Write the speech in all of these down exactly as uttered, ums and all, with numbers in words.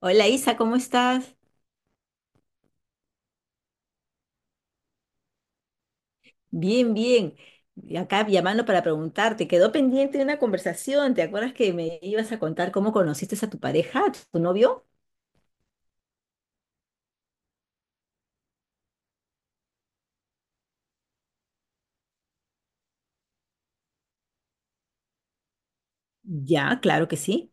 Hola Isa, ¿cómo estás? Bien, bien. Y Acá llamando para preguntarte, quedó pendiente una conversación, ¿te acuerdas que me ibas a contar cómo conociste a tu pareja, a tu novio? Ya, claro que sí.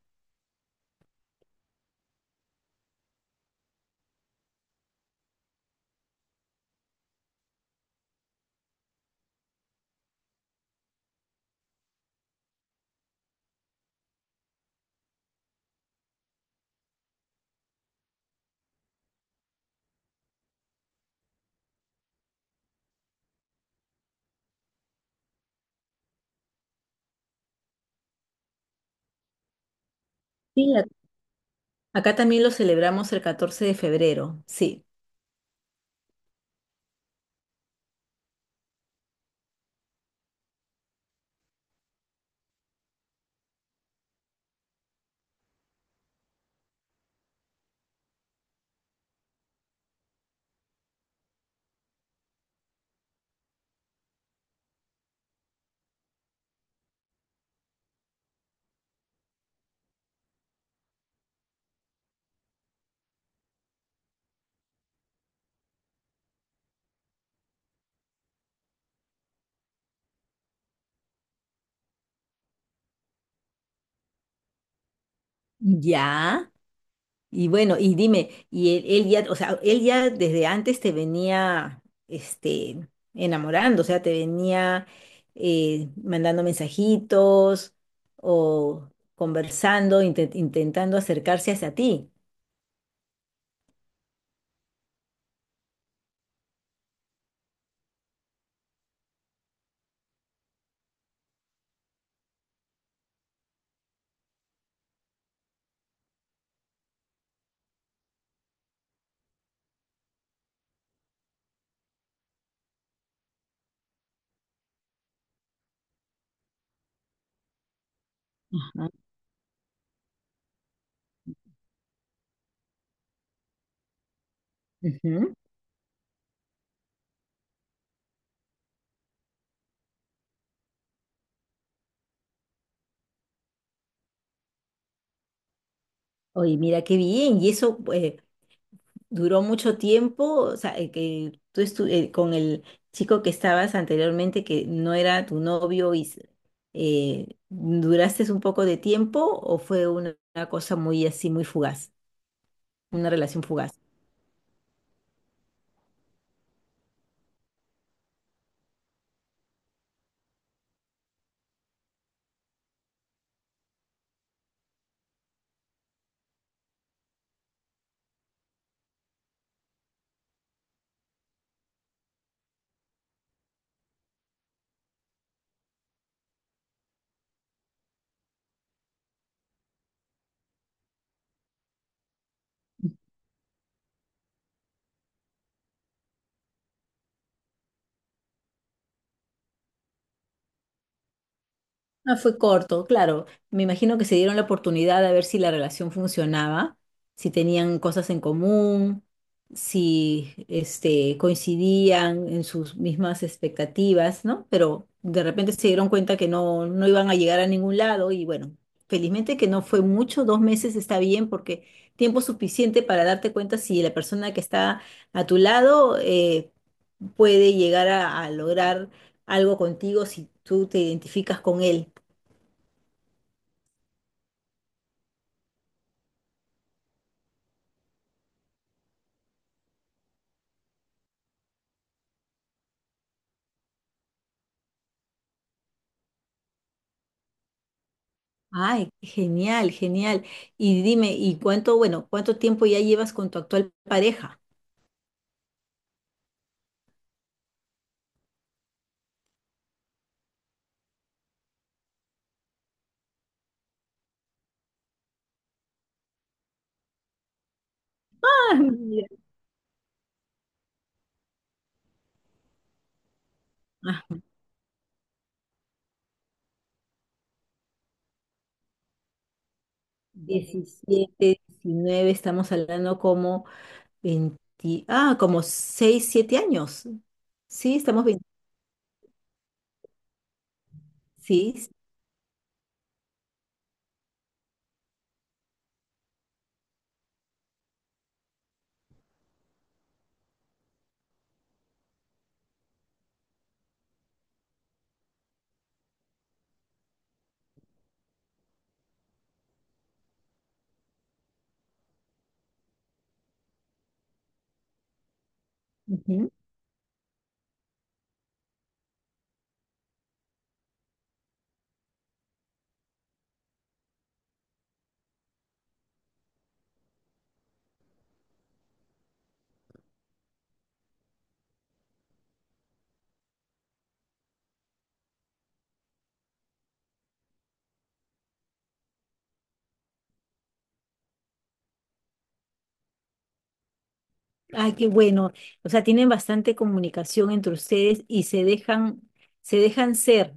Sí, a- acá también lo celebramos el catorce de febrero, sí. Ya. Y bueno, y dime, y él, él ya, o sea, él ya desde antes te venía, este, enamorando, o sea, te venía eh, mandando mensajitos o conversando, inte- intentando acercarse hacia ti. Ajá. Ujú. Oye, mira qué bien, y eso, pues, duró mucho tiempo, o sea, eh, que tú estu- eh, con el chico que estabas anteriormente, que no era tu novio, y s- eh, ¿duraste un poco de tiempo o fue una, una cosa muy así, muy fugaz, una relación fugaz? No fue corto, claro. Me imagino que se dieron la oportunidad de ver si la relación funcionaba, si tenían cosas en común, si este, coincidían en sus mismas expectativas, ¿no? Pero de repente se dieron cuenta que no, no iban a llegar a ningún lado y bueno, felizmente que no fue mucho, dos meses está bien porque tiempo suficiente para darte cuenta si la persona que está a tu lado eh, puede llegar a, a lograr algo contigo si tú te identificas con él. Ay, genial, genial. Y dime, ¿y cuánto, bueno, cuánto tiempo ya llevas con tu actual pareja? Ah, no, mira. Ah, diecisiete, diecinueve, estamos hablando como veinte, ah, como seis, siete años. Sí, estamos veinte, sí. sí, ujú. Ay, qué bueno. O sea, tienen bastante comunicación entre ustedes y se dejan, se dejan ser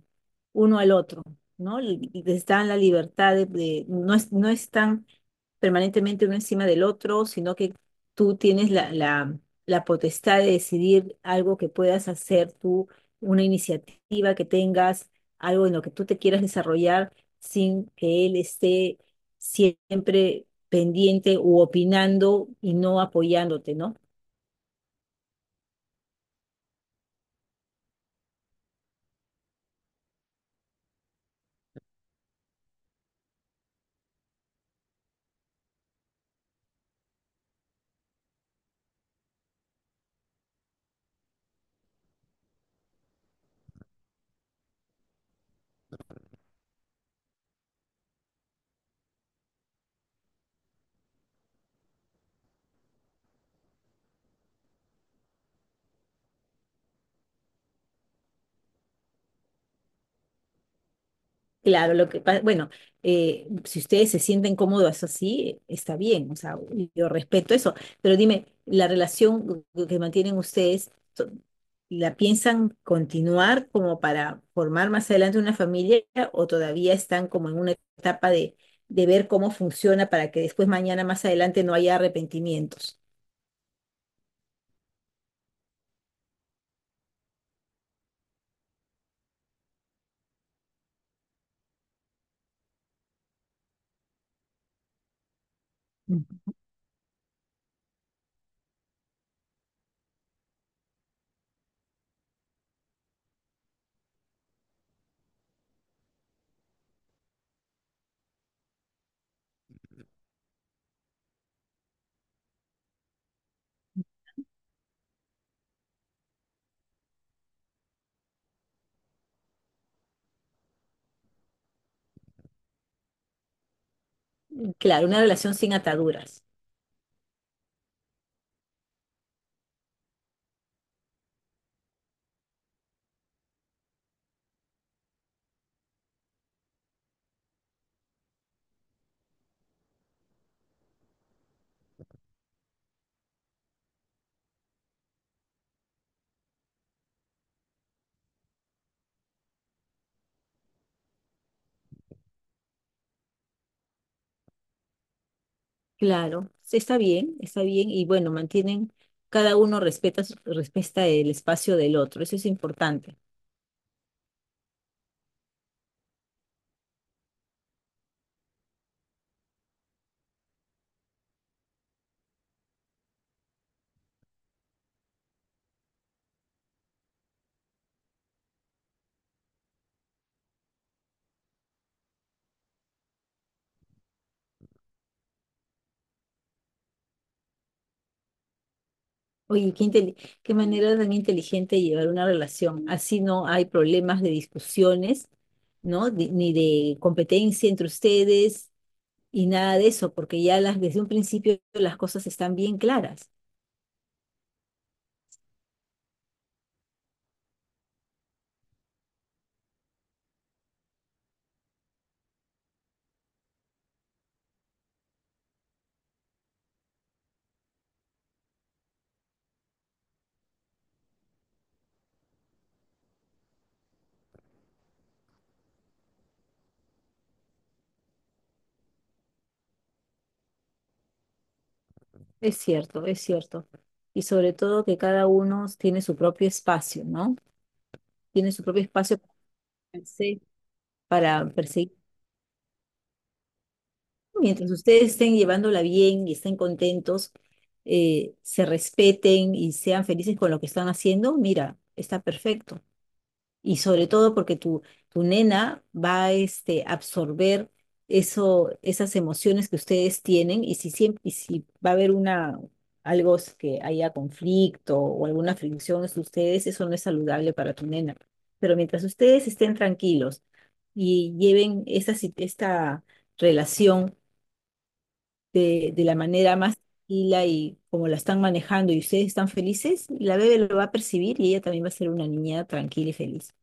uno al otro, ¿no? Le- Les dan la libertad de, de- no es, no están permanentemente uno encima del otro, sino que tú tienes la, la, la potestad de decidir algo que puedas hacer tú, una iniciativa que tengas, algo en lo que tú te quieras desarrollar sin que él esté siempre pendiente u opinando y no apoyándote, ¿no? Claro, lo que pasa, bueno, eh, si ustedes se sienten cómodos así, está bien, o sea, yo respeto eso, pero dime, la relación que mantienen ustedes, so- ¿la piensan continuar como para formar más adelante una familia o todavía están como en una etapa de, de ver cómo funciona para que después mañana más adelante no haya arrepentimientos? Mm. Claro, una relación sin ataduras. Claro, sí, está bien, está bien y bueno, mantienen, cada uno respeta, su- respeta el espacio del otro, eso es importante. Oye, qué, inteli- qué manera tan inteligente de llevar una relación, así no hay problemas de discusiones, ¿no? Ni ni de competencia entre ustedes y nada de eso, porque ya las, desde un principio las cosas están bien claras. Es cierto, es cierto. Y sobre todo que cada uno tiene su propio espacio, ¿no? Tiene su propio espacio para hacer- para perseguir. Mientras ustedes estén llevándola bien y estén contentos, eh, se respeten y sean felices con lo que están haciendo, mira, está perfecto. Y sobre todo porque tu, tu nena va a este, absorber eso, esas emociones que ustedes tienen y si, siempre, y si va a haber una, algo s- que haya conflicto o alguna fricción entre ustedes, eso no es saludable para tu nena. Pero mientras ustedes estén tranquilos y lleven esa, si- esta relación de, de la manera más tranquila y como la están manejando y ustedes están felices, la bebé lo va a percibir y ella también va a ser una niña tranquila y feliz.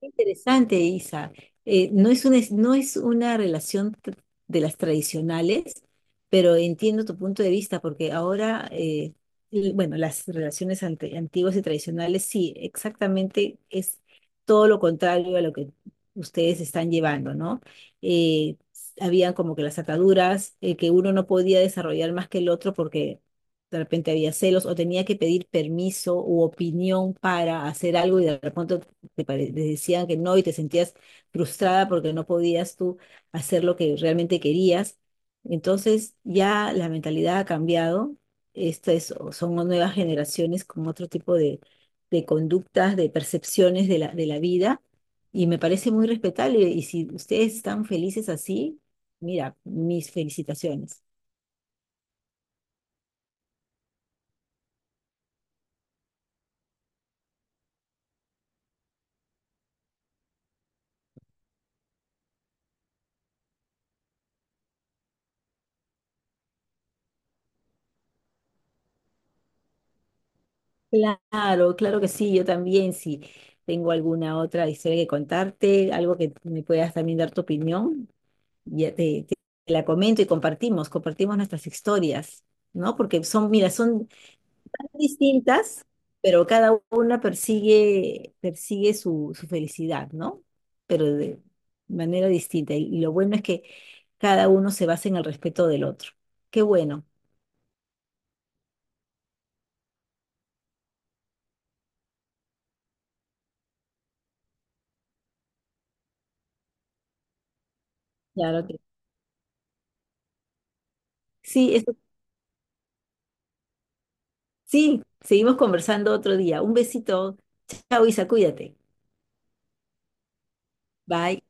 Interesante, Isa. Eh, no es una, no es una relación tr- de las tradicionales, pero entiendo tu punto de vista, porque ahora, eh, l- bueno, las relaciones ante- antiguas y tradicionales, sí, exactamente es todo lo contrario a lo que ustedes están llevando, ¿no? Eh, habían como que las ataduras, eh, que uno no podía desarrollar más que el otro porque de repente había celos o tenía que pedir permiso u opinión para hacer algo y de repente te, pare- te decían que no y te sentías frustrada porque no podías tú hacer lo que realmente querías. Entonces ya la mentalidad ha cambiado. Estas son nuevas generaciones con otro tipo de, de conductas, de percepciones de la, de la vida y me parece muy respetable. Y si ustedes están felices así, mira, mis felicitaciones. Claro, claro que sí, yo también, si tengo alguna otra historia que contarte, algo que me puedas también dar tu opinión, ya te, te- la comento y compartimos, compartimos nuestras historias, ¿no? Porque son, mira, son tan distintas, pero cada una persigue, persigue su, su felicidad, ¿no? Pero de manera distinta. Y, y lo bueno es que cada uno se basa en el respeto del otro. Qué bueno. Claro que sí, eso, sí, seguimos conversando otro día. Un besito. Chao, Isa, cuídate. Bye.